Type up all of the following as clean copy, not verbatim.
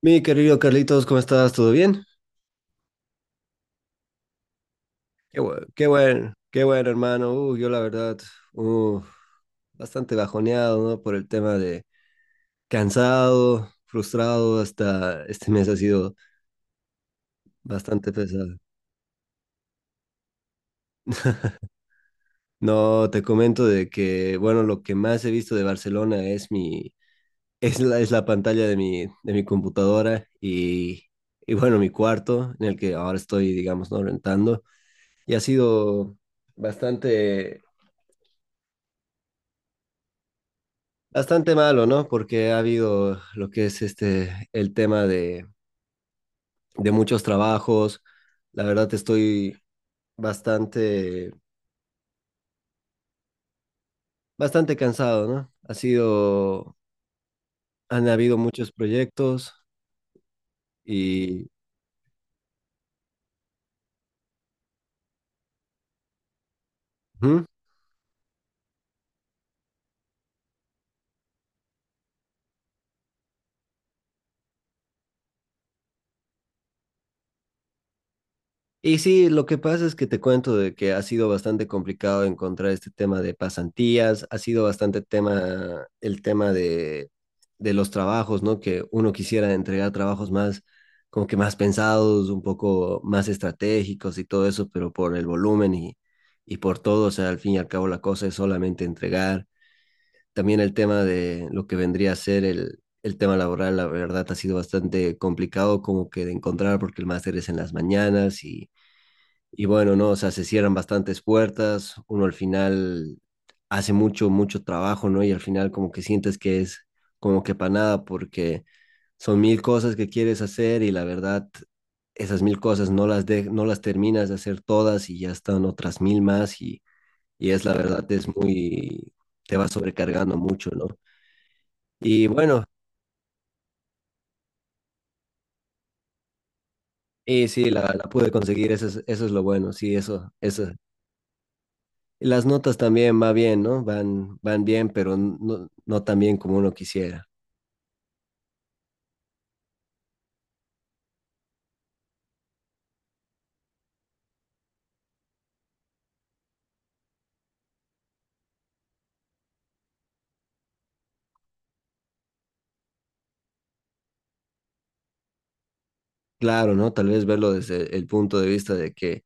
Mi querido Carlitos, ¿cómo estás? ¿Todo bien? Qué bueno, qué bueno, qué bueno, hermano. Yo la verdad, uh, bastante bajoneado, ¿no? Por el tema de cansado, frustrado, hasta este mes ha sido bastante pesado. No, te comento de que, bueno, lo que más he visto de Barcelona es es la pantalla de de mi computadora y bueno, mi cuarto en el que ahora estoy, digamos, ¿no? Rentando. Y ha sido bastante. Bastante malo, ¿no? Porque ha habido lo que es este, el tema de muchos trabajos. La verdad estoy bastante, bastante cansado, ¿no? Ha sido, han habido muchos proyectos y... ¿Mm? Y sí, lo que pasa es que te cuento de que ha sido bastante complicado encontrar este tema de pasantías, ha sido bastante tema, el tema de los trabajos, ¿no? Que uno quisiera entregar trabajos más, como que más pensados, un poco más estratégicos y todo eso, pero por el volumen y por todo, o sea, al fin y al cabo la cosa es solamente entregar. También el tema de lo que vendría a ser el tema laboral, la verdad, ha sido bastante complicado como que de encontrar porque el máster es en las mañanas y bueno, no, o sea, se cierran bastantes puertas, uno al final hace mucho, mucho trabajo, ¿no? Y al final como que sientes que es como que para nada porque son mil cosas que quieres hacer y la verdad esas mil cosas no las terminas de hacer todas y ya están otras mil más y es la verdad, es muy, te va sobrecargando mucho, ¿no? Y bueno, y sí, la pude conseguir, eso es lo bueno, sí, eso, eso. Las notas también va bien, ¿no? Van, van bien, pero no, no tan bien como uno quisiera. Claro, ¿no? Tal vez verlo desde el punto de vista de que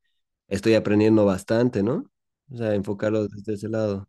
estoy aprendiendo bastante, ¿no? O sea, enfocarlo desde ese lado.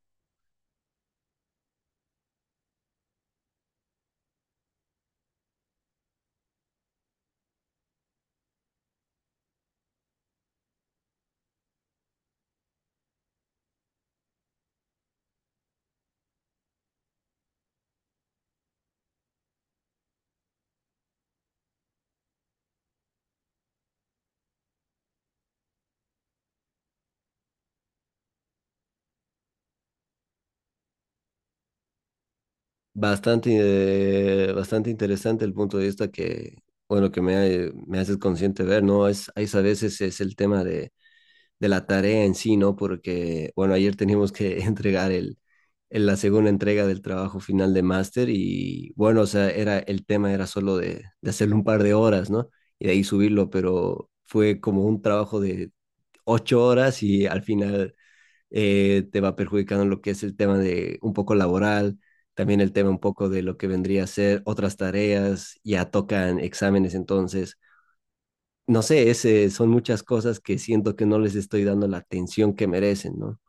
Bastante, bastante interesante el punto de vista que, bueno, que me, me haces consciente ver, ¿no? Es, hay a veces es el tema de la tarea en sí, ¿no? Porque, bueno, ayer teníamos que entregar la segunda entrega del trabajo final de máster y, bueno, o sea, era, el tema era solo de hacerlo un par de horas, ¿no? Y de ahí subirlo, pero fue como un trabajo de ocho horas y al final te va perjudicando lo que es el tema de un poco laboral. También el tema un poco de lo que vendría a ser otras tareas, ya tocan exámenes, entonces no sé, ese, son muchas cosas que siento que no les estoy dando la atención que merecen, ¿no?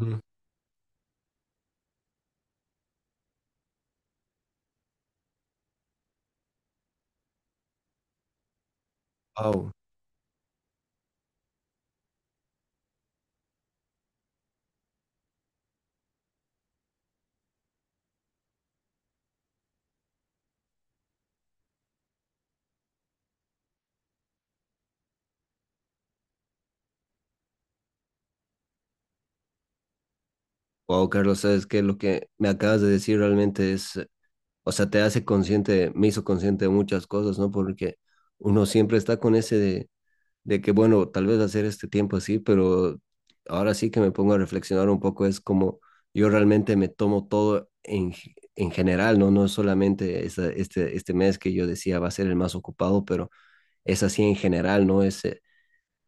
Ujú. Wow. Wow, Carlos, sabes que lo que me acabas de decir realmente es, o sea, te hace consciente, me hizo consciente de muchas cosas, ¿no? Porque uno siempre está con ese de que, bueno, tal vez hacer este tiempo así, pero ahora sí que me pongo a reflexionar un poco, es como yo realmente me tomo todo en, en general, ¿no? No es solamente este, este mes que yo decía va a ser el más ocupado, pero es así en general, ¿no?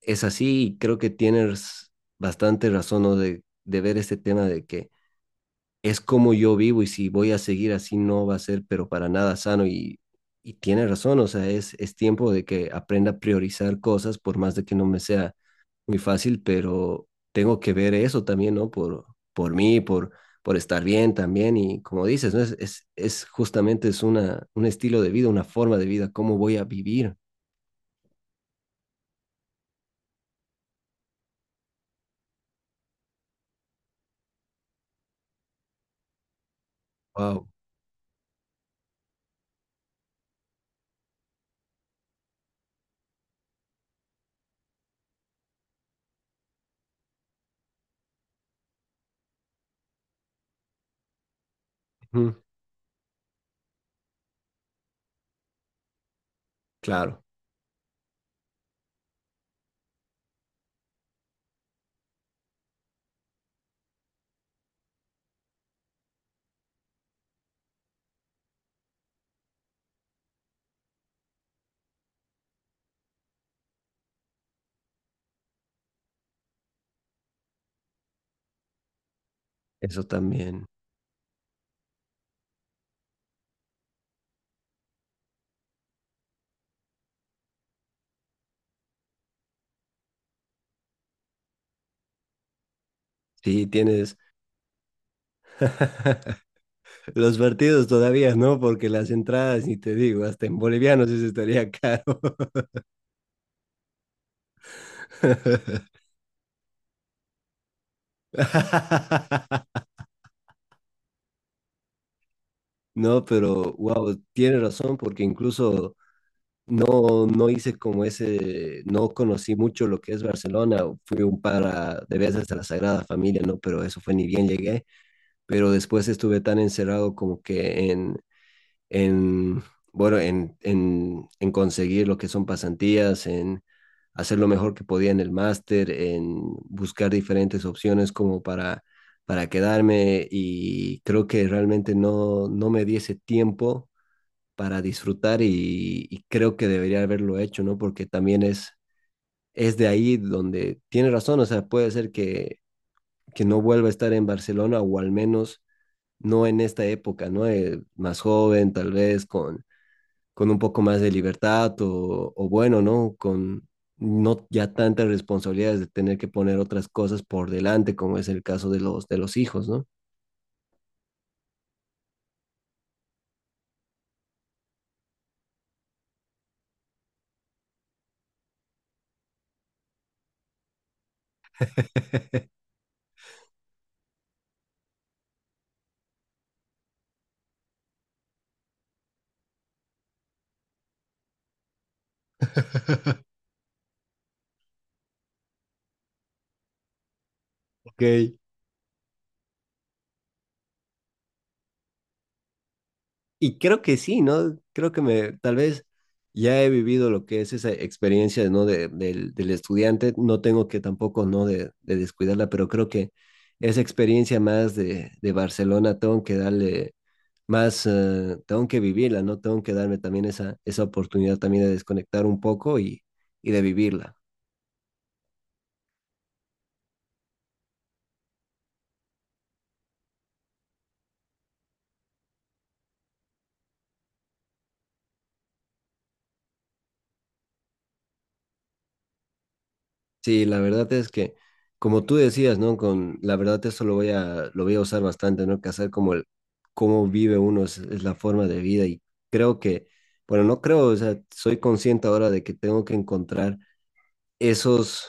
Es así y creo que tienes bastante razón, ¿no? De ver este tema de que es como yo vivo y si voy a seguir así no va a ser, pero para nada sano y tiene razón, o sea, es tiempo de que aprenda a priorizar cosas por más de que no me sea muy fácil, pero tengo que ver eso también, ¿no? Por mí, por estar bien también y como dices, ¿no? Es justamente es una, un estilo de vida, una forma de vida, cómo voy a vivir. Wow. Ujú. Claro, eso también. Sí, tienes los partidos todavía, ¿no? Porque las entradas, ni te digo, hasta en bolivianos eso estaría caro. No, pero wow, tiene razón, porque incluso no, no hice como ese, no conocí mucho lo que es Barcelona, fui un par de veces a la Sagrada Familia, ¿no? Pero eso fue ni bien llegué, pero después estuve tan encerrado como que en, bueno, en conseguir lo que son pasantías, en hacer lo mejor que podía en el máster, en buscar diferentes opciones como para quedarme y creo que realmente no, no me di ese tiempo para disfrutar y creo que debería haberlo hecho, ¿no? Porque también es de ahí donde tiene razón, o sea, puede ser que no vuelva a estar en Barcelona o al menos no en esta época, ¿no? Más joven, tal vez, con un poco más de libertad o bueno, ¿no? Con no ya tantas responsabilidades de tener que poner otras cosas por delante, como es el caso de de los hijos, ¿no? Ok. Y creo que sí, ¿no? Creo que me, tal vez ya he vivido lo que es esa experiencia, ¿no? Del estudiante, no tengo que tampoco, ¿no? De descuidarla, pero creo que esa experiencia más de Barcelona tengo que darle más, tengo que vivirla, ¿no? Tengo que darme también esa oportunidad también de desconectar un poco y de vivirla. Sí, la verdad es que, como tú decías, ¿no? Con la verdad eso lo voy a usar bastante, ¿no? Que hacer como el, cómo vive uno es la forma de vida y creo que, bueno, no creo, o sea, soy consciente ahora de que tengo que encontrar esos,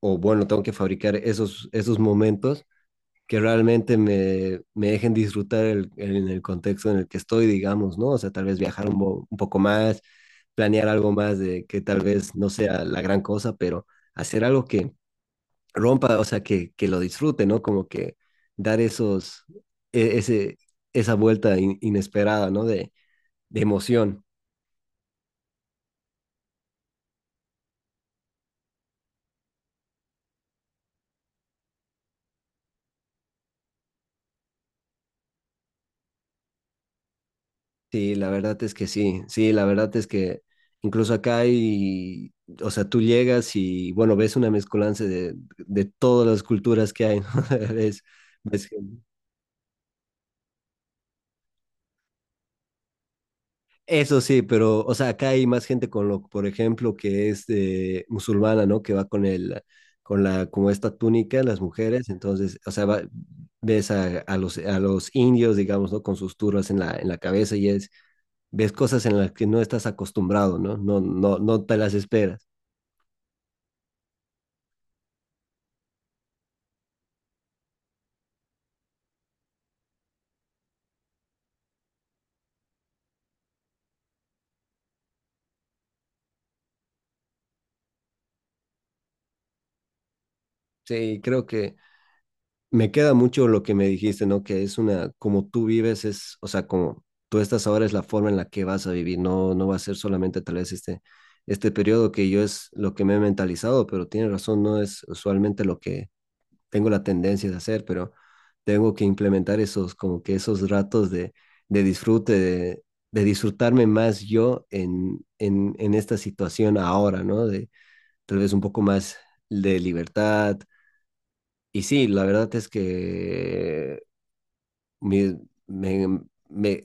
o bueno, tengo que fabricar esos, esos momentos que realmente me, me dejen disfrutar en el contexto en el que estoy, digamos, ¿no? O sea, tal vez viajar un poco más, planear algo más de que tal vez no sea la gran cosa, pero hacer algo que rompa, o sea, que lo disfrute, ¿no? Como que dar esos, ese, esa vuelta inesperada, ¿no? De emoción. Sí, la verdad es que sí, sí, la verdad es que incluso acá hay, o sea, tú llegas y, bueno, ves una mezcolanza de todas las culturas que hay, ¿no? Ves, ves gente. Eso sí, pero, o sea, acá hay más gente con lo, por ejemplo, que es musulmana, ¿no? Que va con con la, como esta túnica, las mujeres, entonces, o sea, ves a los indios, digamos, ¿no? Con sus turbas en la cabeza y es, ves cosas en las que no estás acostumbrado, ¿no? No, no, no te las esperas. Sí, creo que me queda mucho lo que me dijiste, ¿no? Que es una, como tú vives, es, o sea, como tú estás ahora es la forma en la que vas a vivir, no, no va a ser solamente tal vez este, este periodo que yo es lo que me he mentalizado, pero tienes razón, no es usualmente lo que tengo la tendencia de hacer, pero tengo que implementar esos, como que esos ratos de disfrute, de disfrutarme más yo en esta situación ahora, ¿no? De tal vez un poco más de libertad, y sí, la verdad es que me, me, me,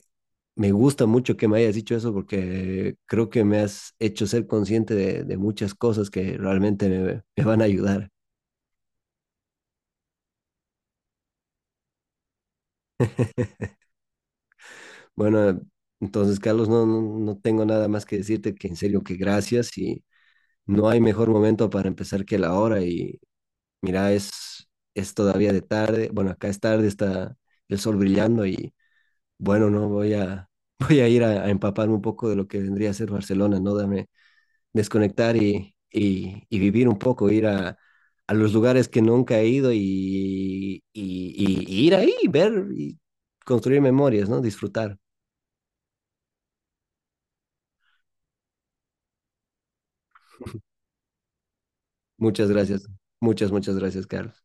me gusta mucho que me hayas dicho eso porque creo que me has hecho ser consciente de muchas cosas que realmente me, me van a ayudar. Bueno, entonces, Carlos, no, no, no tengo nada más que decirte que en serio que gracias y no hay mejor momento para empezar que la hora y mira, es todavía de tarde, bueno, acá es tarde, está el sol brillando y bueno, no, voy a, voy a ir a empaparme un poco de lo que vendría a ser Barcelona, ¿no? Dame desconectar y vivir un poco, ir a los lugares que nunca he ido y ir ahí, ver y construir memorias, ¿no? Disfrutar. Muchas gracias. Muchas, muchas gracias, Carlos.